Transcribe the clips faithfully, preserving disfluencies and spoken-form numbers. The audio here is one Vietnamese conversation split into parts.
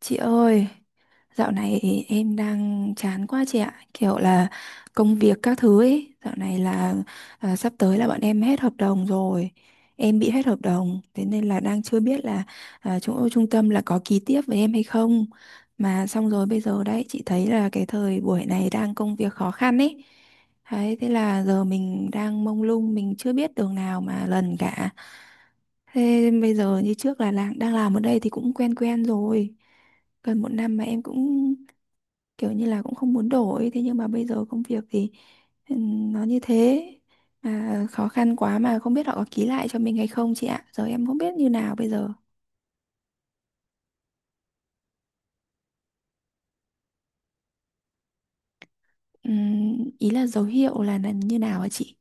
Chị ơi, dạo này em đang chán quá chị ạ. Kiểu là công việc các thứ ấy, dạo này là à, sắp tới là bọn em hết hợp đồng rồi. Em bị hết hợp đồng, thế nên là đang chưa biết là à, chỗ trung tâm là có ký tiếp với em hay không. Mà xong rồi bây giờ đấy, chị thấy là cái thời buổi này đang công việc khó khăn ấy. Đấy, thế là giờ mình đang mông lung, mình chưa biết đường nào mà lần cả. Thế bây giờ như trước là làm, đang làm ở đây thì cũng quen quen rồi. Gần một năm mà em cũng kiểu như là cũng không muốn đổi. Thế nhưng mà bây giờ công việc thì ừm, nó như thế. Mà khó khăn quá mà không biết họ có ký lại cho mình hay không chị ạ. Giờ em không biết như nào bây giờ. Ừm, ý là dấu hiệu là, là, như nào hả chị?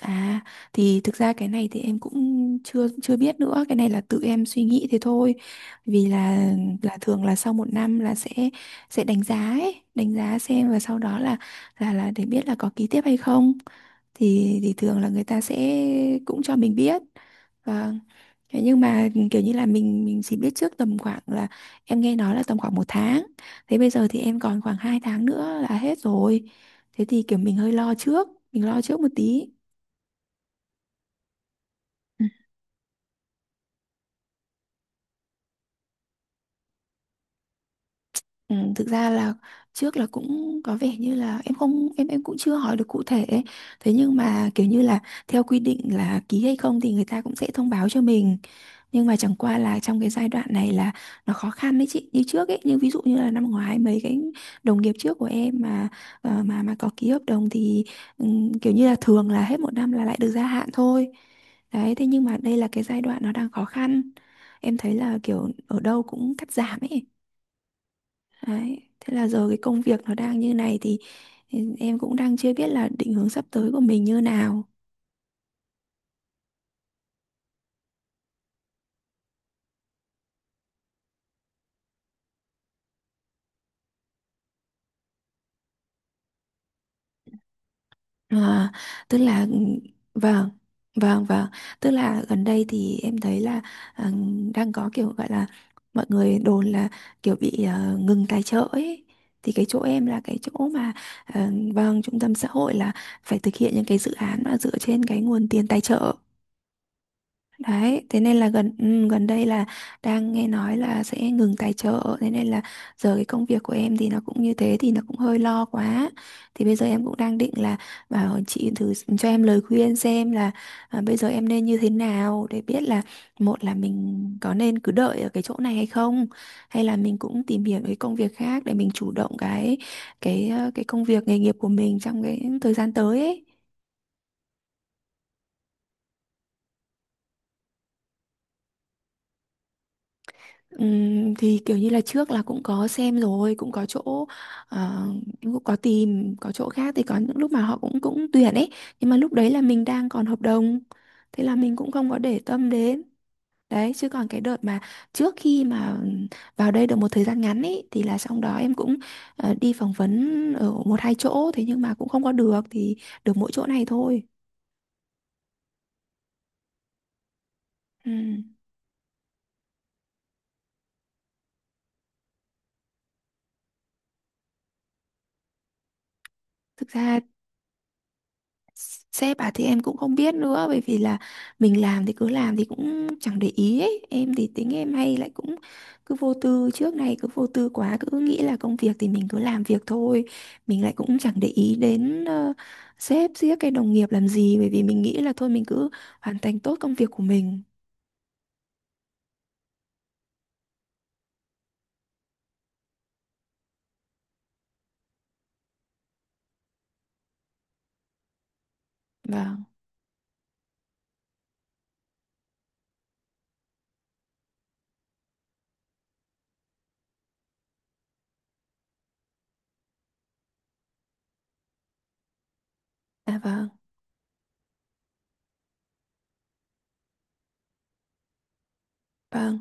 À, thì thực ra cái này thì em cũng chưa chưa biết nữa, cái này là tự em suy nghĩ thế thôi. Vì là là thường là sau một năm là sẽ sẽ đánh giá ấy, đánh giá xem và sau đó là là là để biết là có ký tiếp hay không. Thì thì thường là người ta sẽ cũng cho mình biết. Vâng. Thế nhưng mà kiểu như là mình mình chỉ biết trước tầm khoảng là em nghe nói là tầm khoảng một tháng. Thế bây giờ thì em còn khoảng hai tháng nữa là hết rồi. Thế thì kiểu mình hơi lo trước, mình lo trước một tí. Ừ, thực ra là trước là cũng có vẻ như là em không em em cũng chưa hỏi được cụ thể ấy. Thế nhưng mà kiểu như là theo quy định là ký hay không thì người ta cũng sẽ thông báo cho mình, nhưng mà chẳng qua là trong cái giai đoạn này là nó khó khăn đấy chị, như trước ấy, như ví dụ như là năm ngoái mấy cái đồng nghiệp trước của em mà ờ, mà mà có ký hợp đồng thì ừm, kiểu như là thường là hết một năm là lại được gia hạn thôi. Đấy, thế nhưng mà đây là cái giai đoạn nó đang khó khăn, em thấy là kiểu ở đâu cũng cắt giảm ấy. Đấy. Thế là giờ cái công việc nó đang như này thì ừ, em cũng đang chưa biết là định hướng sắp tới của mình như nào. À, tức là ừ, vâng, vâng, vâng, tức là gần đây thì em thấy là à, đang có kiểu gọi là mọi người đồn là kiểu bị à, ngừng tài trợ ấy, thì cái chỗ em là cái chỗ mà à, vâng, trung tâm xã hội là phải thực hiện những cái dự án mà dựa trên cái nguồn tiền tài trợ. Đấy, thế nên là gần ừ, gần đây là đang nghe nói là sẽ ngừng tài trợ, thế nên là giờ cái công việc của em thì nó cũng như thế thì nó cũng hơi lo quá. Thì bây giờ em cũng đang định là bảo chị thử cho em lời khuyên xem là à, bây giờ em nên như thế nào để biết là, một là mình có nên cứ đợi ở cái chỗ này hay không, hay là mình cũng tìm hiểu cái công việc khác để mình chủ động cái cái ờ, cái công việc nghề nghiệp của mình trong cái thời gian tới ấy. Ừm, thì kiểu như là trước là cũng có xem rồi, cũng có chỗ, ờ, cũng có tìm, có chỗ khác thì có những lúc mà họ cũng cũng tuyển ấy, nhưng mà lúc đấy là mình đang còn hợp đồng, thế là mình cũng không có để tâm đến. Đấy chứ còn cái đợt mà trước khi mà vào đây được một thời gian ngắn ấy thì là xong đó em cũng ờ, đi phỏng vấn ở một hai chỗ, thế nhưng mà cũng không có được, thì được mỗi chỗ này thôi. Ừm. Thực ra sếp à thì em cũng không biết nữa, bởi vì là mình làm thì cứ làm thì cũng chẳng để ý ấy. Em thì tính em hay lại cũng cứ vô tư, trước này cứ vô tư quá, cứ nghĩ là công việc thì mình cứ làm việc thôi. Mình lại cũng chẳng để ý đến ờ, sếp giết cái đồng nghiệp làm gì, bởi vì mình nghĩ là thôi mình cứ hoàn thành tốt công việc của mình. Vâng. À, vâng. Vâng.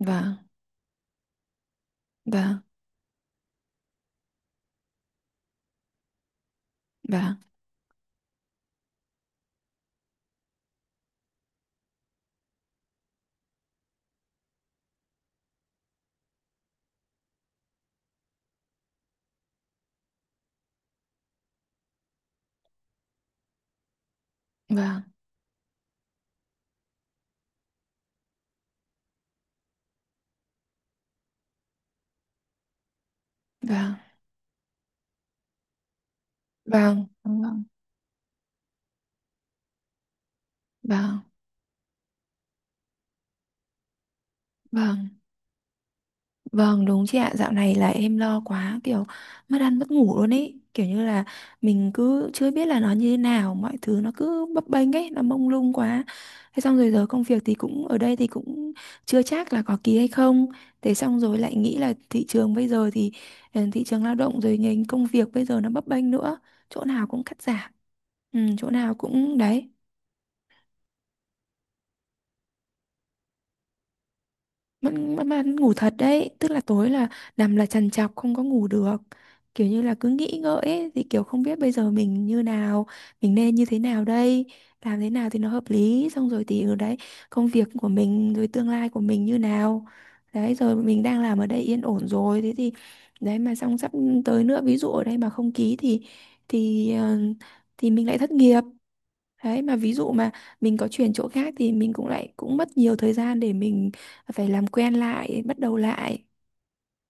Vâng. Vâng. Vâng. Vâng. Vâng. Vâng. Vâng. Vâng. Vâng. Vâng. Vâng, đúng chị ạ. Dạo này là em lo quá, kiểu mất ăn mất ngủ luôn ấy. Kiểu như là mình cứ chưa biết là nó như thế nào, mọi thứ nó cứ bấp bênh ấy, nó mông lung quá. Thế xong rồi giờ công việc thì cũng ở đây thì cũng chưa chắc là có ký hay không. Thế xong rồi lại nghĩ là thị trường bây giờ thì ừ, thị trường lao động rồi ngành công việc bây giờ nó bấp bênh nữa. Chỗ nào cũng cắt giảm, ừ, chỗ nào cũng đấy. Vẫn vẫn vẫn ngủ thật đấy, tức là tối là nằm là trằn trọc không có ngủ được, kiểu như là cứ nghĩ ngợi ấy, thì kiểu không biết bây giờ mình như nào, mình nên như thế nào đây, làm thế nào thì nó hợp lý, xong rồi thì ở đấy công việc của mình rồi tương lai của mình như nào, đấy rồi mình đang làm ở đây yên ổn rồi thế thì đấy, mà xong sắp tới nữa, ví dụ ở đây mà không ký thì thì ờ, thì mình lại thất nghiệp. Đấy mà ví dụ mà mình có chuyển chỗ khác thì mình cũng lại cũng mất nhiều thời gian để mình phải làm quen lại, bắt đầu lại.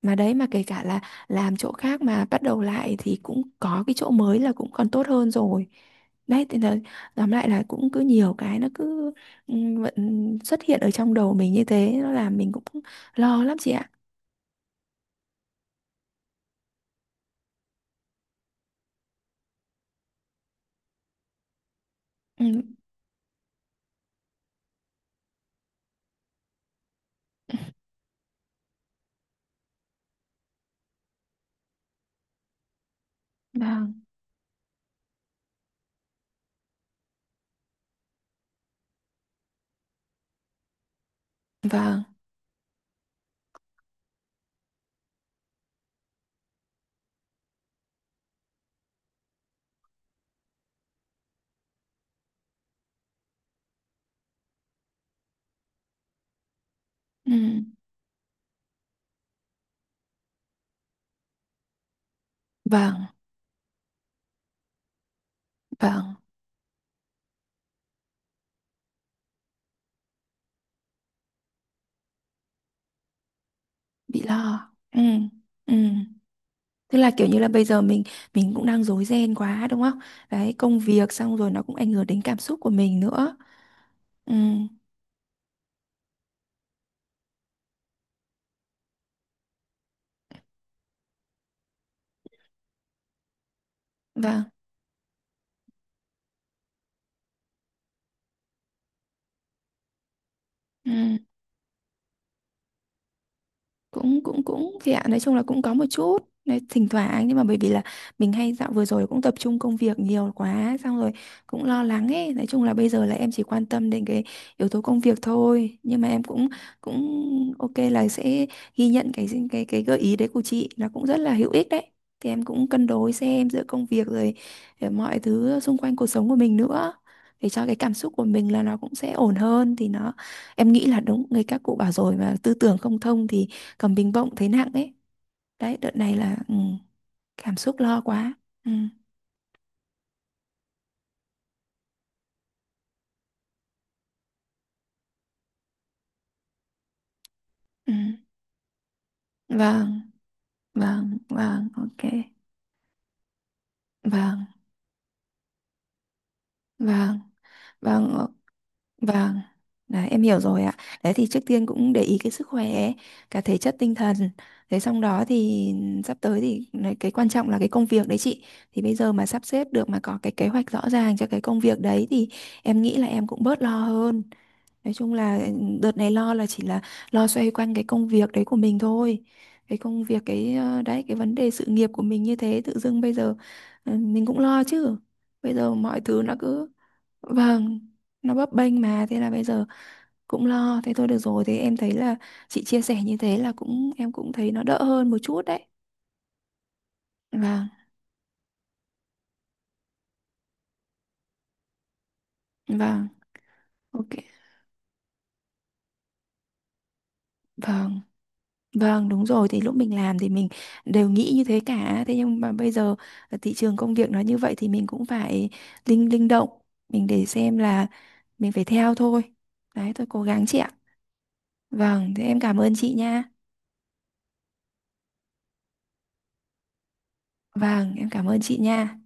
Mà đấy mà kể cả là làm chỗ khác mà bắt đầu lại thì cũng có cái chỗ mới là cũng còn tốt hơn rồi. Đấy thì là tóm lại là cũng cứ nhiều cái nó cứ ừ, vẫn xuất hiện ở trong đầu mình như thế, nó làm mình cũng lo lắm chị ạ. Ừ. Vâng, vâng. Ừ. Vâng, vâng, bị lo. Ừ. Ừ. Thế là kiểu như là bây giờ mình mình cũng đang rối ren quá đúng không? Đấy, công việc xong rồi nó cũng ảnh hưởng đến cảm xúc của mình nữa. Ừ, vâng. Ừ. cũng cũng cũng thì ạ, nói chung là cũng có một chút đấy, thỉnh thoảng, nhưng mà bởi vì là mình hay dạo vừa rồi cũng tập trung công việc nhiều quá xong rồi cũng lo lắng ấy, nói chung là bây giờ là em chỉ quan tâm đến cái yếu tố công việc thôi, nhưng mà em cũng cũng ok là sẽ ghi nhận cái cái cái gợi ý đấy của chị là cũng rất là hữu ích đấy. Thì em cũng cân đối xem giữa công việc rồi ờ, mọi thứ xung quanh cuộc sống của mình nữa, để cho cái cảm xúc của mình là nó cũng sẽ ổn hơn, thì nó em nghĩ là đúng người các cụ bảo rồi mà tư tưởng không thông thì còn bình bông thấy nặng ấy. Đấy, đợt này là ừ, cảm xúc lo quá. Ừ, ừ. Vâng, vâng, vâng, ok. Vâng, vâng, vâng, ờ, vâng. Đấy, em hiểu rồi ạ. Đấy thì trước tiên cũng để ý cái sức khỏe ấy, cả thể chất tinh thần. Thế xong đó thì sắp tới thì này, cái quan trọng là cái công việc đấy chị. Thì bây giờ mà sắp xếp được mà có cái kế hoạch rõ ràng cho cái công việc đấy thì em nghĩ là em cũng bớt lo hơn. Nói chung là ừ, đợt này lo là chỉ là lo xoay quanh cái công việc đấy của mình thôi. Cái công việc, cái ờ, đấy, cái vấn đề sự nghiệp của mình như thế tự dưng bây giờ ừ, mình cũng lo chứ. Bây giờ mọi thứ nó cứ, vâng, nó bấp bênh mà, thế là bây giờ cũng lo thế thôi. Được rồi, thế em thấy là chị chia sẻ như thế là cũng em cũng thấy nó đỡ hơn một chút đấy. Vâng, vâng. Ok. Vâng. Vâng, đúng rồi, thì lúc mình làm thì mình đều nghĩ như thế cả. Thế nhưng mà bây giờ ờ, thị trường công việc nó như vậy thì mình cũng phải linh linh động, mình để xem là mình phải theo thôi. Đấy, tôi cố gắng chị ạ. Vâng, thế em cảm ơn chị nha. Vâng, em cảm ơn chị nha.